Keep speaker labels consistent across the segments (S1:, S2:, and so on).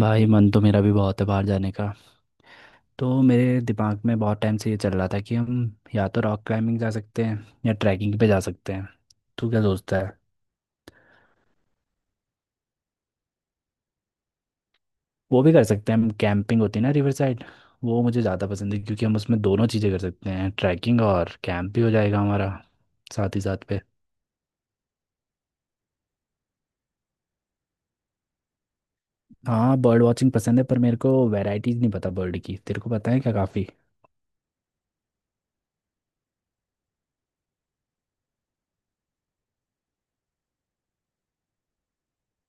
S1: भाई मन तो मेरा भी बहुत है बाहर जाने का। तो मेरे दिमाग में बहुत टाइम से ये चल रहा था कि हम या तो रॉक क्लाइंबिंग जा सकते हैं या ट्रैकिंग पे जा सकते हैं। तू क्या सोचता है। वो भी कर सकते हैं, हम कैंपिंग होती है ना रिवर साइड, वो मुझे ज़्यादा पसंद है क्योंकि हम उसमें दोनों चीज़ें कर सकते हैं, ट्रैकिंग और कैंप भी हो जाएगा हमारा साथ ही साथ पे। हाँ, बर्ड वॉचिंग पसंद है पर मेरे को वैरायटीज़ नहीं पता बर्ड की। तेरे को पता है क्या काफ़ी।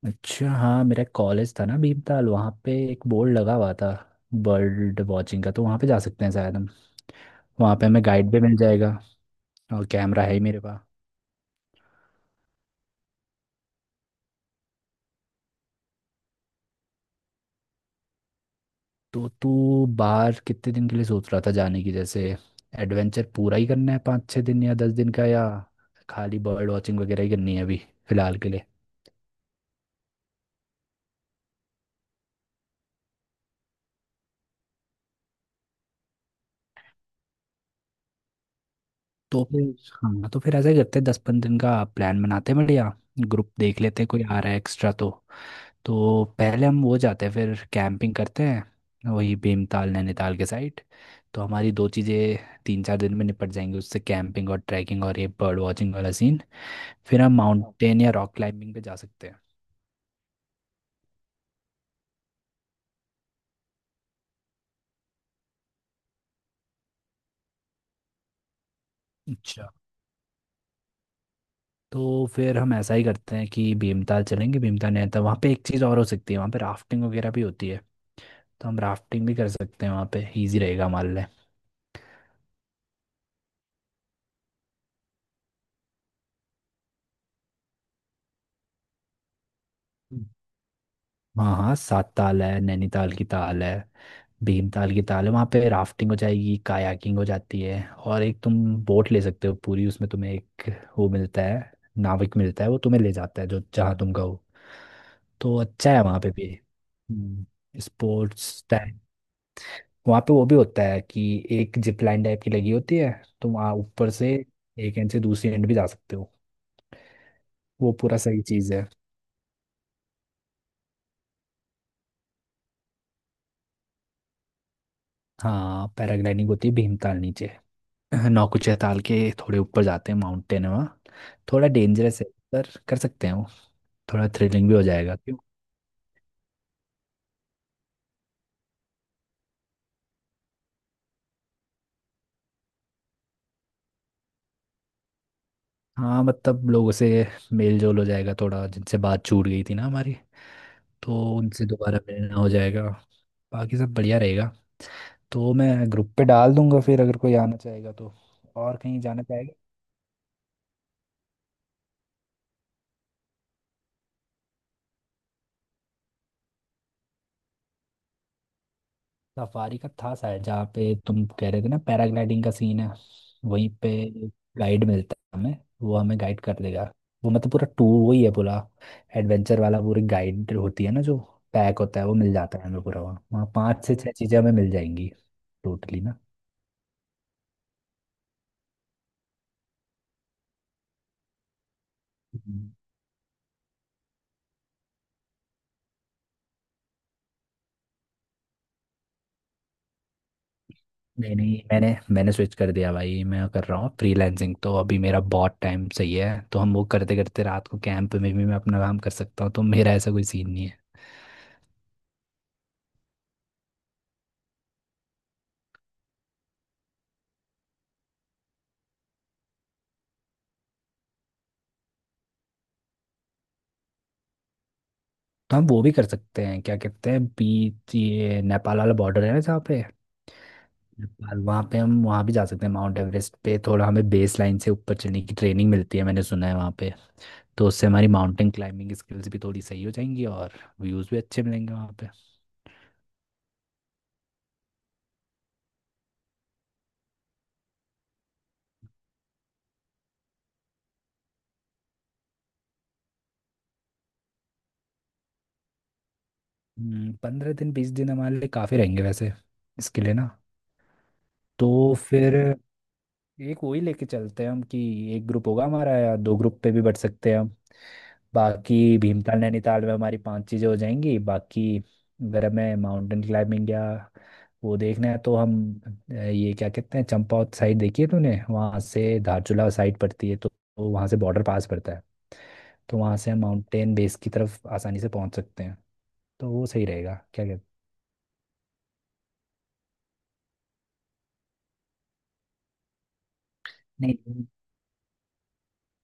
S1: अच्छा, हाँ, मेरा कॉलेज था ना भीमताल, वहाँ पे एक बोर्ड लगा हुआ था बर्ड वॉचिंग का, तो वहाँ पे जा सकते हैं शायद हम। वहाँ पे हमें गाइड भी मिल जाएगा और कैमरा है ही मेरे पास। तो तू बाहर कितने दिन के लिए सोच रहा था जाने की? जैसे एडवेंचर पूरा ही करना है 5-6 दिन या 10 दिन का, या खाली बर्ड वॉचिंग वगैरह ही करनी है अभी फिलहाल के लिए। तो फिर हाँ तो फिर ऐसा ही करते हैं, 10-15 दिन का प्लान बनाते हैं। बढ़िया। ग्रुप देख लेते हैं कोई आ रहा है एक्स्ट्रा तो। तो पहले हम वो जाते हैं, फिर कैंपिंग करते हैं वही भीमताल नैनीताल के साइड। तो हमारी दो चीज़ें 3-4 दिन में निपट जाएंगी उससे, कैंपिंग और ट्रैकिंग और ये बर्ड वॉचिंग वाला सीन। फिर हम माउंटेन या रॉक क्लाइंबिंग पे जा सकते हैं। अच्छा, तो फिर हम ऐसा ही करते हैं कि भीमताल चलेंगे। भीमताल नहीं आता वहाँ पे एक चीज़ और हो सकती है, वहाँ पे राफ्टिंग वगैरह भी होती है, तो हम राफ्टिंग भी कर सकते हैं वहाँ पे। ईजी रहेगा हमारे लिए। हाँ हाँ, सात ताल है, नैनीताल की ताल है, भीमताल की ताल है, वहाँ पे राफ्टिंग हो जाएगी, कायाकिंग हो जाती है। और एक तुम बोट ले सकते हो पूरी, उसमें तुम्हें एक वो मिलता है, नाविक मिलता है, वो तुम्हें ले जाता है जो जहाँ तुम कहो। तो अच्छा है वहाँ पे भी। हम्म, स्पोर्ट्स टाइप वहाँ पे वो भी होता है कि एक जिप लाइन टाइप की लगी होती है, तुम वहाँ ऊपर से एक एंड से दूसरी एंड भी जा सकते हो। वो पूरा सही चीज़ है। हाँ, पैराग्लाइडिंग होती है भीमताल नीचे, नौकुचिया चैताल के थोड़े ऊपर जाते हैं, माउंटेन है वहाँ। थोड़ा डेंजरस है पर कर सकते हैं वो। थोड़ा थ्रिलिंग भी हो जाएगा क्यों। हाँ, मतलब लोगों से मेल जोल हो जाएगा थोड़ा, जिनसे बात छूट गई थी ना हमारी, तो उनसे दोबारा मिलना हो जाएगा। बाकी सब बढ़िया रहेगा। तो मैं ग्रुप पे डाल दूंगा, फिर अगर कोई आना चाहेगा तो, और कहीं जाना चाहेगा। सफारी का था शायद जहाँ पे तुम कह रहे थे ना, पैराग्लाइडिंग का सीन है वहीं पे। गाइड मिलता है हमें, वो हमें गाइड कर देगा। वो मतलब पूरा टूर वही है, पूरा एडवेंचर वाला, पूरी गाइड होती है ना जो पैक होता है वो मिल जाता है हमें पूरा। वहाँ वहाँ 5 से 6 चीज़ें हमें मिल जाएंगी टोटली ना। हम्म। नहीं नहीं मैंने मैंने स्विच कर दिया भाई। मैं कर रहा हूँ फ्रीलांसिंग, तो अभी मेरा बहुत टाइम सही है, तो हम वो करते करते रात को कैंप में भी मैं अपना काम कर सकता हूँ, तो मेरा ऐसा कोई सीन नहीं है। तो हम वो भी कर सकते हैं, क्या कहते हैं बीच ये नेपाल वाला बॉर्डर है ना जहाँ पे नेपाल, वहाँ पे हम वहाँ भी जा सकते हैं। माउंट एवरेस्ट पे थोड़ा हमें बेस लाइन से ऊपर चढ़ने की ट्रेनिंग मिलती है मैंने सुना है वहाँ पे। तो उससे हमारी माउंटेन क्लाइंबिंग स्किल्स भी थोड़ी सही हो जाएंगी और व्यूज़ भी अच्छे मिलेंगे वहाँ पे। 15 दिन 20 दिन हमारे लिए काफ़ी रहेंगे वैसे इसके लिए ना। तो फिर एक वही लेके चलते हैं हम कि एक ग्रुप होगा हमारा, या दो ग्रुप पे भी बट सकते हैं हम। बाकी भीमताल नैनीताल में हमारी पांच चीज़ें हो जाएंगी। बाकी अगर हमें माउंटेन क्लाइंबिंग या वो देखना है तो हम ये क्या कहते हैं चंपावत साइड देखी है तूने? वहाँ से धारचूला साइड पड़ती है, तो वहाँ से बॉर्डर पास पड़ता है। तो वहाँ से हम माउंटेन बेस की तरफ आसानी से पहुँच सकते हैं। तो वो सही रहेगा क्या कहते हैं। नहीं,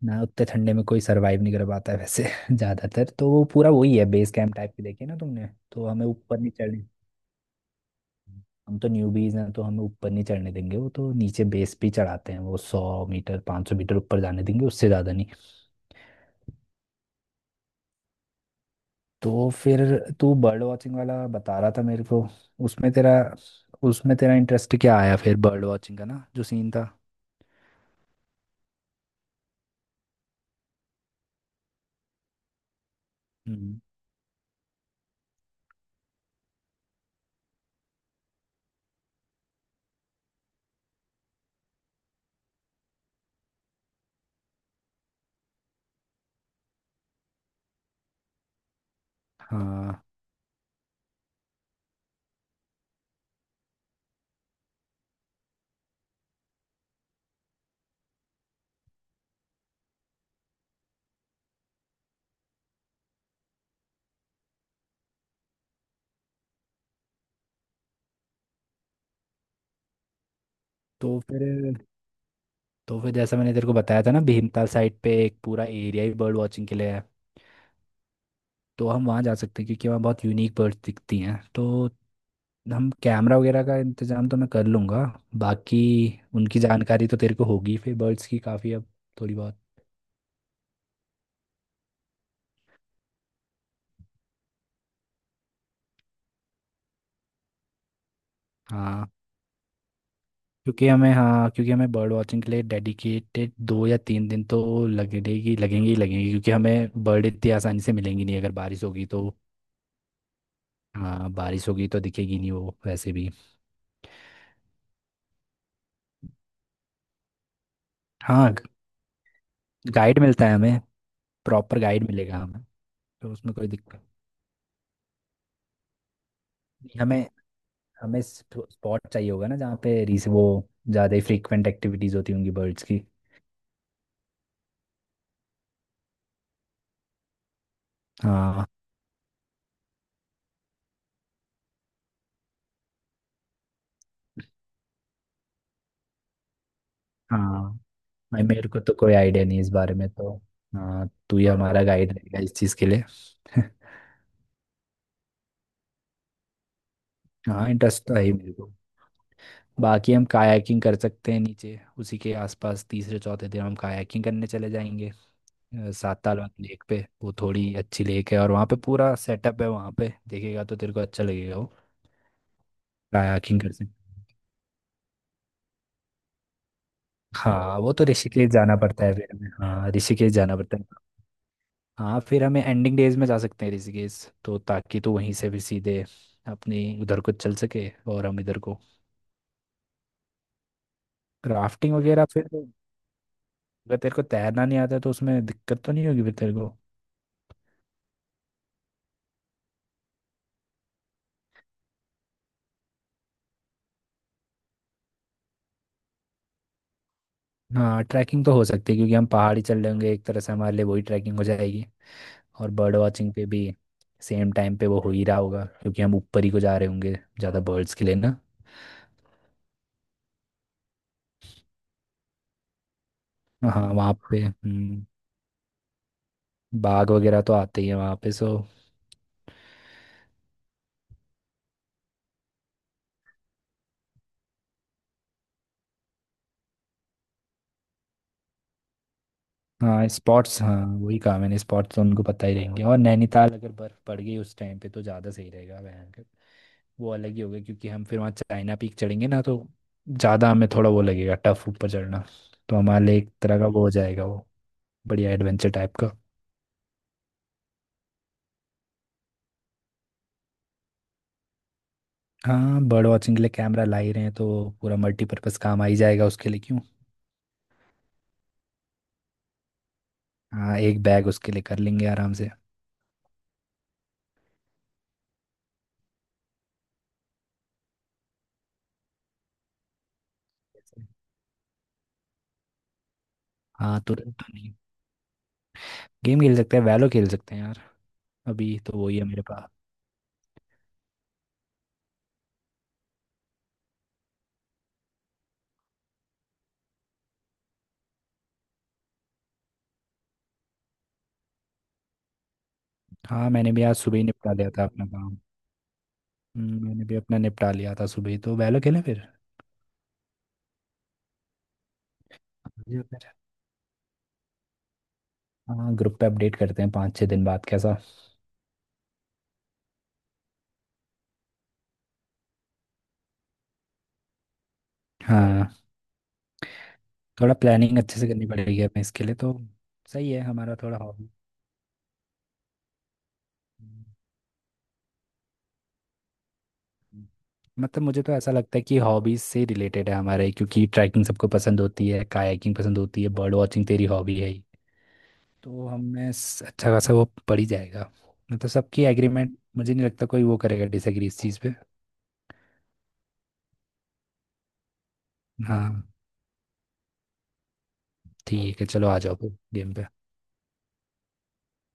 S1: ना उतने ठंडे में कोई सरवाइव नहीं कर पाता है वैसे ज्यादातर। तो वो पूरा वही है बेस कैंप टाइप की, देखी ना तुमने। तो हमें ऊपर नहीं चढ़ने, हम तो न्यूबीज हैं तो हमें ऊपर नहीं चढ़ने देंगे वो, तो नीचे बेस पे ही चढ़ाते हैं वो, 100 मीटर 500 मीटर ऊपर जाने देंगे, उससे ज्यादा नहीं। तो फिर तू बर्ड वॉचिंग वाला बता रहा था मेरे को, उसमें तेरा उसमें तेरा इंटरेस्ट क्या आया फिर बर्ड वॉचिंग का ना जो सीन था। हम्म। हाँ। तो फिर तो फिर जैसा मैंने तेरे को बताया था ना, भीमताल साइड पे एक पूरा एरिया ही बर्ड वॉचिंग के लिए है, तो हम वहाँ जा सकते हैं क्योंकि वहाँ बहुत यूनिक बर्ड्स दिखती हैं। तो हम कैमरा वगैरह का इंतजाम तो मैं कर लूँगा। बाकी उनकी जानकारी तो तेरे को होगी फिर बर्ड्स की काफ़ी अब। थोड़ी बहुत। हाँ क्योंकि हमें बर्ड वॉचिंग के लिए डेडिकेटेड 2 या 3 दिन तो लगेगी लगेंगे ही लगेंगे क्योंकि हमें बर्ड इतनी आसानी से मिलेंगी नहीं अगर बारिश होगी तो। हाँ, बारिश होगी तो दिखेगी नहीं वो वैसे भी। हाँ, गाइड मिलता है हमें, प्रॉपर गाइड मिलेगा हमें, तो उसमें कोई दिक्कत नहीं। हमें हमें स्पॉट चाहिए होगा ना जहाँ पे रीस वो ज़्यादा ही फ्रीक्वेंट एक्टिविटीज होती होंगी बर्ड्स की। हाँ। हाँ। मेरे को तो कोई आइडिया नहीं है इस बारे में, तो हाँ, तू ही हमारा गाइड रहेगा इस चीज़ के लिए। हाँ, इंटरेस्ट तो है ही मेरे को। बाकी हम कायाकिंग कर सकते हैं नीचे उसी के आसपास, तीसरे चौथे दिन हम कायाकिंग करने चले जाएंगे साताल वाली लेक पे। वो थोड़ी अच्छी लेक है और वहाँ पे पूरा सेटअप है, वहाँ पे देखेगा तो तेरे को अच्छा लगेगा वो। कायाकिंग कर। हाँ, वो तो ऋषिकेश जाना पड़ता है फिर हमें। हाँ, ऋषिकेश जाना पड़ता है। हाँ, फिर हमें एंडिंग डेज में जा सकते हैं ऋषिकेश, तो ताकि तो वहीं से फिर सीधे अपनी उधर को चल सके और हम इधर को। राफ्टिंग वगैरह फिर तो, अगर तेरे को तैरना नहीं आता तो उसमें दिक्कत तो नहीं होगी फिर तेरे को। हाँ, ट्रैकिंग तो हो सकती है क्योंकि हम पहाड़ी चल रहे होंगे एक तरह से, हमारे लिए वही ट्रैकिंग हो जाएगी। और बर्ड वॉचिंग पे भी सेम टाइम पे वो हो ही रहा होगा क्योंकि हम ऊपर ही को जा रहे होंगे ज़्यादा बर्ड्स के लिए ना। हाँ वहाँ पे। बाघ वगैरह तो आते ही हैं वहाँ पे सो। हाँ स्पॉट्स, हाँ वही कहा मैंने, स्पॉट्स तो उनको पता ही रहेंगे। और नैनीताल अगर बर्फ़ पड़ गई उस टाइम पे तो ज़्यादा सही रहेगा भयंकर, वो अलग ही होगा क्योंकि हम फिर वहाँ चाइना पीक चढ़ेंगे ना, तो ज़्यादा हमें थोड़ा वो लगेगा, टफ ऊपर चढ़ना। तो हमारे लिए एक तरह का वो हो जाएगा वो बढ़िया एडवेंचर टाइप का। हाँ, बर्ड वॉचिंग के लिए कैमरा ला ही रहे हैं तो पूरा मल्टीपर्पज़ काम आ ही जाएगा उसके लिए क्यों। हाँ, एक बैग उसके लिए कर लेंगे आराम से। हाँ, तुरंत तो नहीं, गेम खेल सकते हैं, वैलो खेल सकते हैं यार। अभी तो वही है मेरे पास। हाँ, मैंने भी आज सुबह ही निपटा लिया था अपना काम। मैंने भी अपना निपटा लिया था सुबह ही, तो वैलो खेलें फिर? या फिर हाँ, ग्रुप पे अपडेट करते हैं 5-6 दिन बाद कैसा। हाँ, थोड़ा प्लानिंग अच्छे से करनी पड़ेगी हमें इसके लिए तो। सही है, हमारा थोड़ा हॉबी, मतलब मुझे तो ऐसा लगता है कि हॉबीज से रिलेटेड है हमारे, क्योंकि ट्रैकिंग सबको पसंद होती है, कायाकिंग पसंद होती है, बर्ड वॉचिंग तेरी हॉबी है ही। तो हमें अच्छा खासा वो पड़ ही जाएगा, मतलब सबकी एग्रीमेंट, मुझे नहीं लगता कोई वो करेगा डिसएग्री इस चीज़ पे। हाँ ठीक है, चलो आ जाओ फिर गेम पे।